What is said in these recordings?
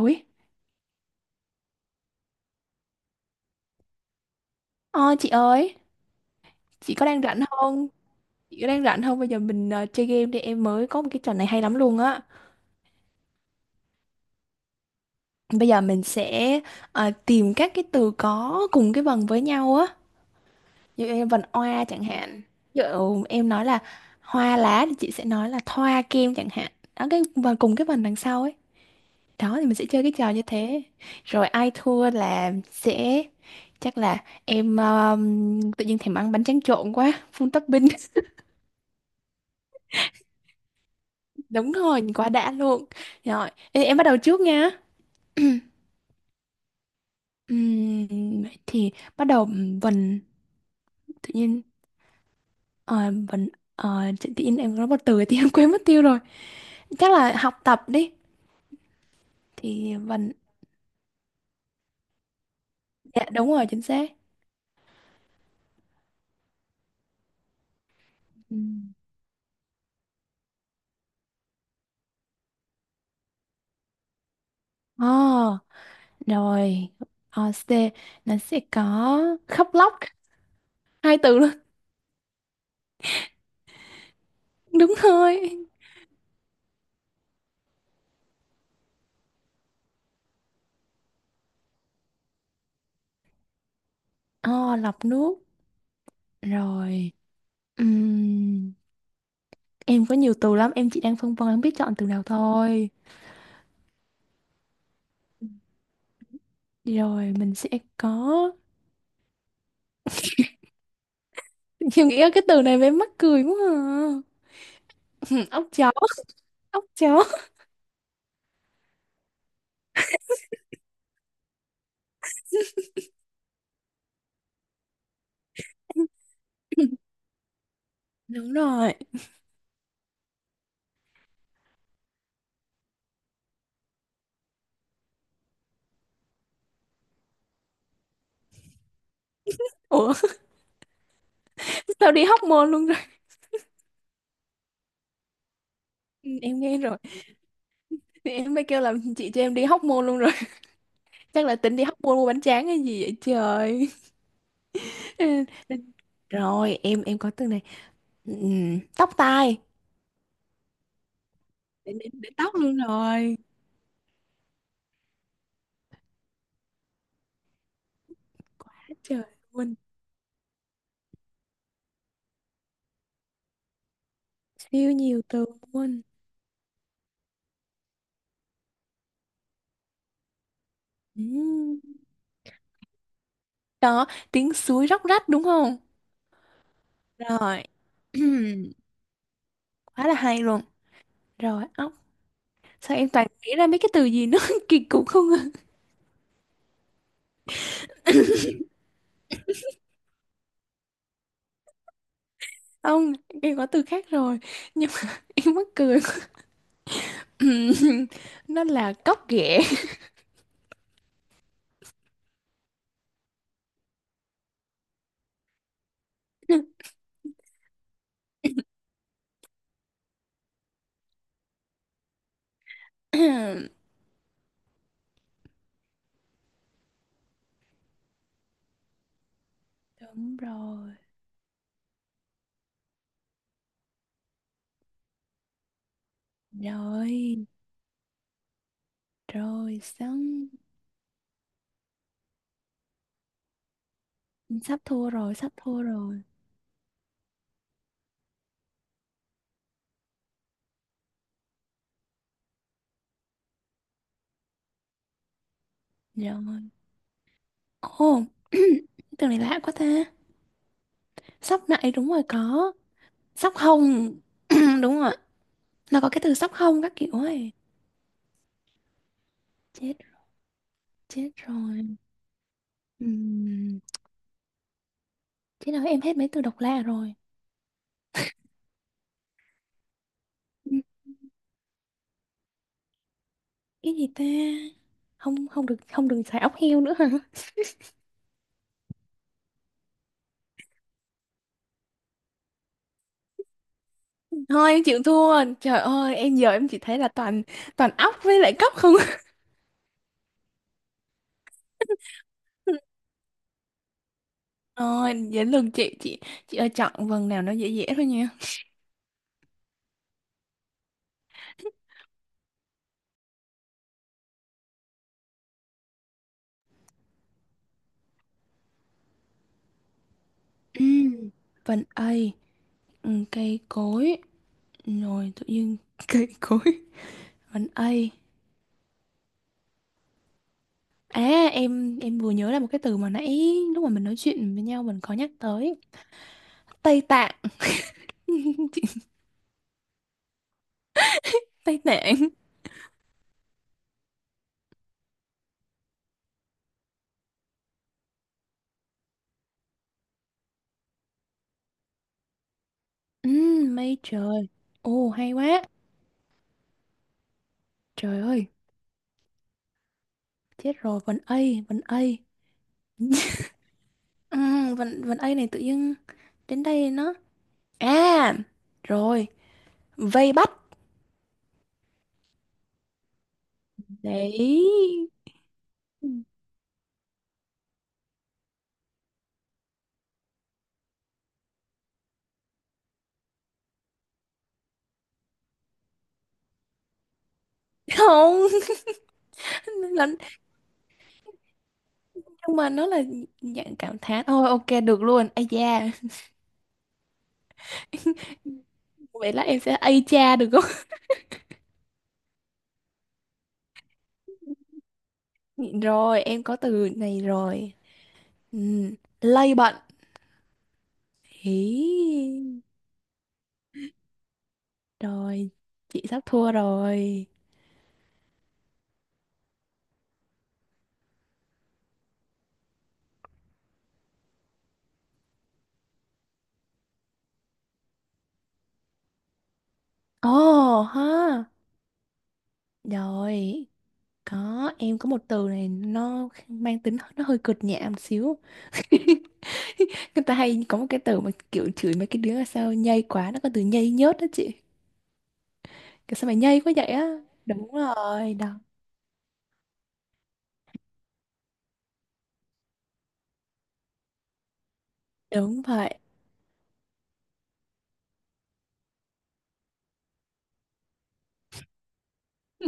Ôi, ờ, chị ơi, chị có đang rảnh không? Chị có đang rảnh không? Bây giờ mình chơi game đi, em mới có một cái trò này hay lắm luôn á. Bây giờ mình sẽ tìm các cái từ có cùng cái vần với nhau á. Ví dụ em vần oa chẳng hạn. Ví dụ em nói là hoa lá thì chị sẽ nói là thoa kem chẳng hạn. Đó cái và cùng cái vần đằng sau ấy. Đó thì mình sẽ chơi cái trò như thế. Rồi ai thua là sẽ chắc là em tự nhiên thèm ăn bánh tráng trộn quá, full topping. Đúng rồi, quá đã luôn. Rồi, ê, em bắt đầu trước nha. Vậy thì bắt đầu vần tự nhiên ờ, vần tự tự nhiên em nói một từ thì em quên mất tiêu rồi. Chắc là học tập đi. Thì vần dạ đúng rồi, chính xác. Ừm. Ờ, rồi. C nó sẽ có khóc lóc hai từ luôn. Đúng rồi. Ờ, lọc nước. Rồi. Ừm, em có nhiều từ lắm, em chỉ đang phân vân không biết chọn từ nào thôi. Rồi mình sẽ có em nghĩ cái từ này mới mắc cười quá à. Ốc chó. Ốc chó. Đúng rồi. Ủa, sao đi hóc môn luôn rồi. Ừ, em nghe rồi. Thì em mới kêu là chị cho em đi hóc môn luôn rồi. Chắc là tính đi hóc môn mua bánh tráng hay gì vậy trời. Rồi em có từ này. Tóc tai. Đến, đến, đến tóc luôn rồi. Quá trời luôn. Siêu nhiều từ luôn. Ừm. Đó, tiếng suối róc rách đúng không? Rồi, quá là hay luôn, rồi ốc sao em toàn nghĩ ra mấy cái từ gì nó kỳ cục không à? Ông, em có từ khác rồi nhưng mà em mắc cười. Nó là cóc ghẻ. Đúng rồi rồi rồi xong, sắp thua rồi, sắp thua rồi. Rồi ồ, cái từ này lạ quá ta. Sóc nại đúng rồi, có sóc hông đúng rồi, nó có cái từ sóc hông các kiểu ấy. Chết, chết rồi. Ừm, Thế nào em hết mấy từ độc lạ rồi. Ừ, cái gì ta. Không, không được xài ốc heo nữa hả? Thôi em chịu thua. Trời ơi, em giờ em chỉ thấy là toàn toàn ốc với lại cốc không. Rồi, đến lượt chị, chị ơi, chọn vần nào nó dễ dễ thôi nha. Ừ. Vần A, ừ, cây cối. Rồi tự nhiên cây cối. Vần A. À em vừa nhớ là một cái từ mà nãy lúc mà mình nói chuyện với nhau mình có nhắc tới Tây Tạng. Chị- Tây Tạng. Ừ, mây trời. Ồ, hay quá. Trời ơi, chết rồi, vần A, vần A. Ừ, vần A này tự nhiên đến đây nó. À, rồi, vây bắt. Đấy. Không, là- nhưng mà nó là dạng cảm thán. Thôi, ok, được luôn. Ây da. Vậy lát em sẽ ây cha được không? Rồi, em có từ này rồi. Ừ, lây bận. Hí. Rồi, chị sắp thua rồi. Ồ ha. Rồi, em có một từ này nó mang tính nó hơi cực nhẹ một xíu. Người ta hay có một cái từ mà kiểu chửi mấy cái đứa là sao nhây quá, nó có từ nhây nhớt đó chị. Kiểu sao mày nhây quá vậy á? Đúng rồi, đó. Đúng vậy. Ừ,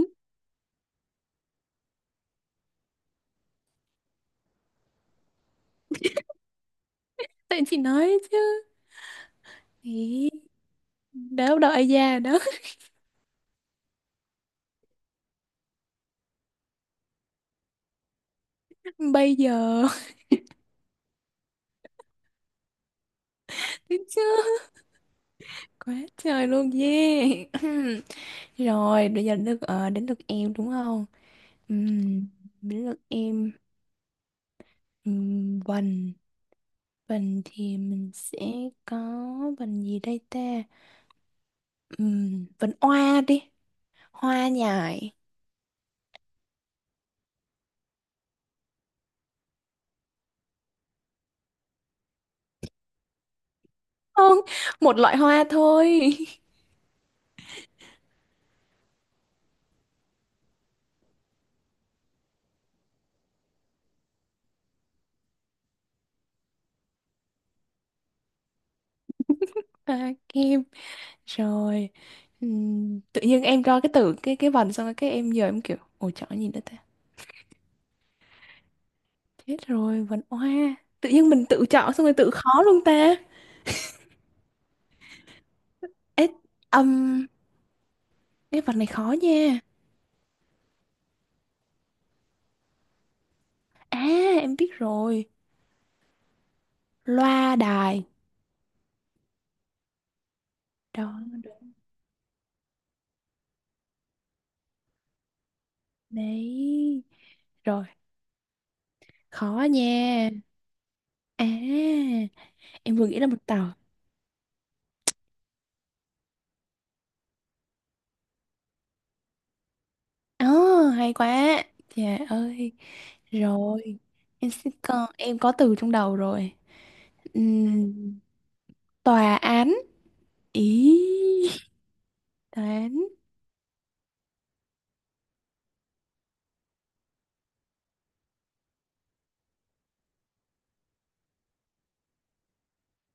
tại chị nói chứ. Ý, đó đâu ai già đó. Bây giờ. Chứ. Quá trời luôn, yeah. Rồi, bây giờ đến lượt em đúng không? Ừm, đến lượt em. Vần vần thì mình sẽ có vần gì đây ta? Vần hoa đi, hoa nhài. Không, một loại hoa thôi. Hoa kim. Rồi. Tự nhiên em cho cái từ cái vần xong rồi cái em giờ em kiểu ồ chọn gì nữa ta? Chết rồi, vần hoa. Tự nhiên mình tự chọn xong rồi tự khó luôn ta. Ê, âm cái vần này khó nha. À em biết rồi, loa đài. Đó đó đấy. Rồi, khó nha. À em vừa nghĩ ra một tàu. Ờ hay quá. Trời ơi. Rồi. Em có từ trong đầu rồi. Ừm, Tòa án. Ý, tòa án.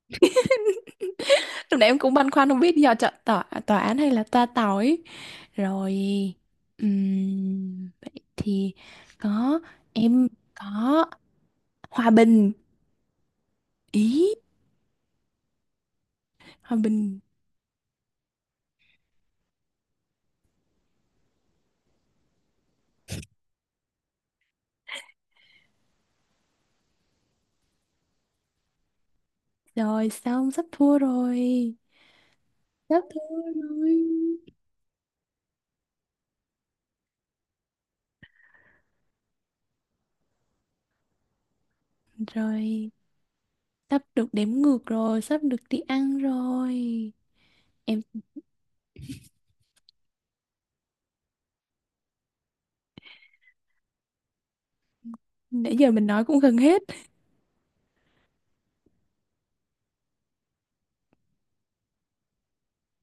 Lúc nãy em cũng băn khoăn không biết giờ chọn tòa, tòa án hay là toa tàu ấy. Rồi, vậy thì có em có hòa bình. Ý, hòa bình. Rồi xong, sắp thua rồi. Sắp thua rồi. Rồi, sắp được đếm ngược rồi, sắp được đi ăn rồi. Em nãy giờ mình nói cũng gần hết.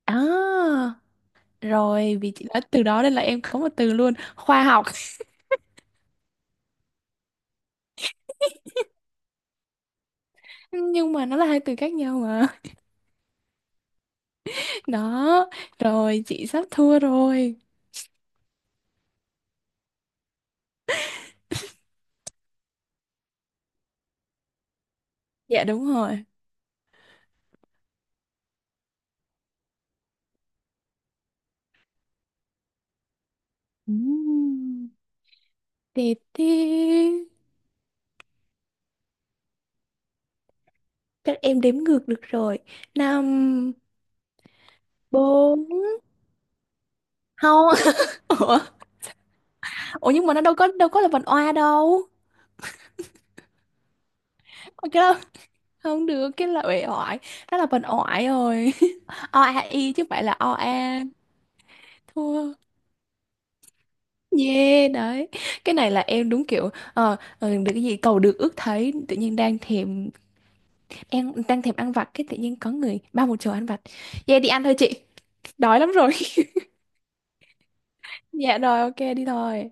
À, rồi vì chị nói từ đó nên là em có một từ luôn, khoa học. Nhưng mà nó là hai từ khác nhau mà. Đó, rồi chị sắp thua rồi. Dạ đúng rồi. Ừm. Tê tê. Chắc em đếm ngược được rồi. Năm, bốn. Không, ủa? Ủa nhưng mà nó đâu có là vần oa đâu. Ủa, cái đó không được, cái là uể oải. Đó là vần oải rồi. O a i chứ không phải là o a. Thua. Yeah, đấy. Cái này là em đúng kiểu được cái gì cầu được ước thấy, tự nhiên đang thèm em đang thèm ăn vặt, cái tự nhiên có người bao một chầu ăn vặt, vậy đi ăn thôi chị, đói lắm rồi. Dạ rồi, ok, đi thôi.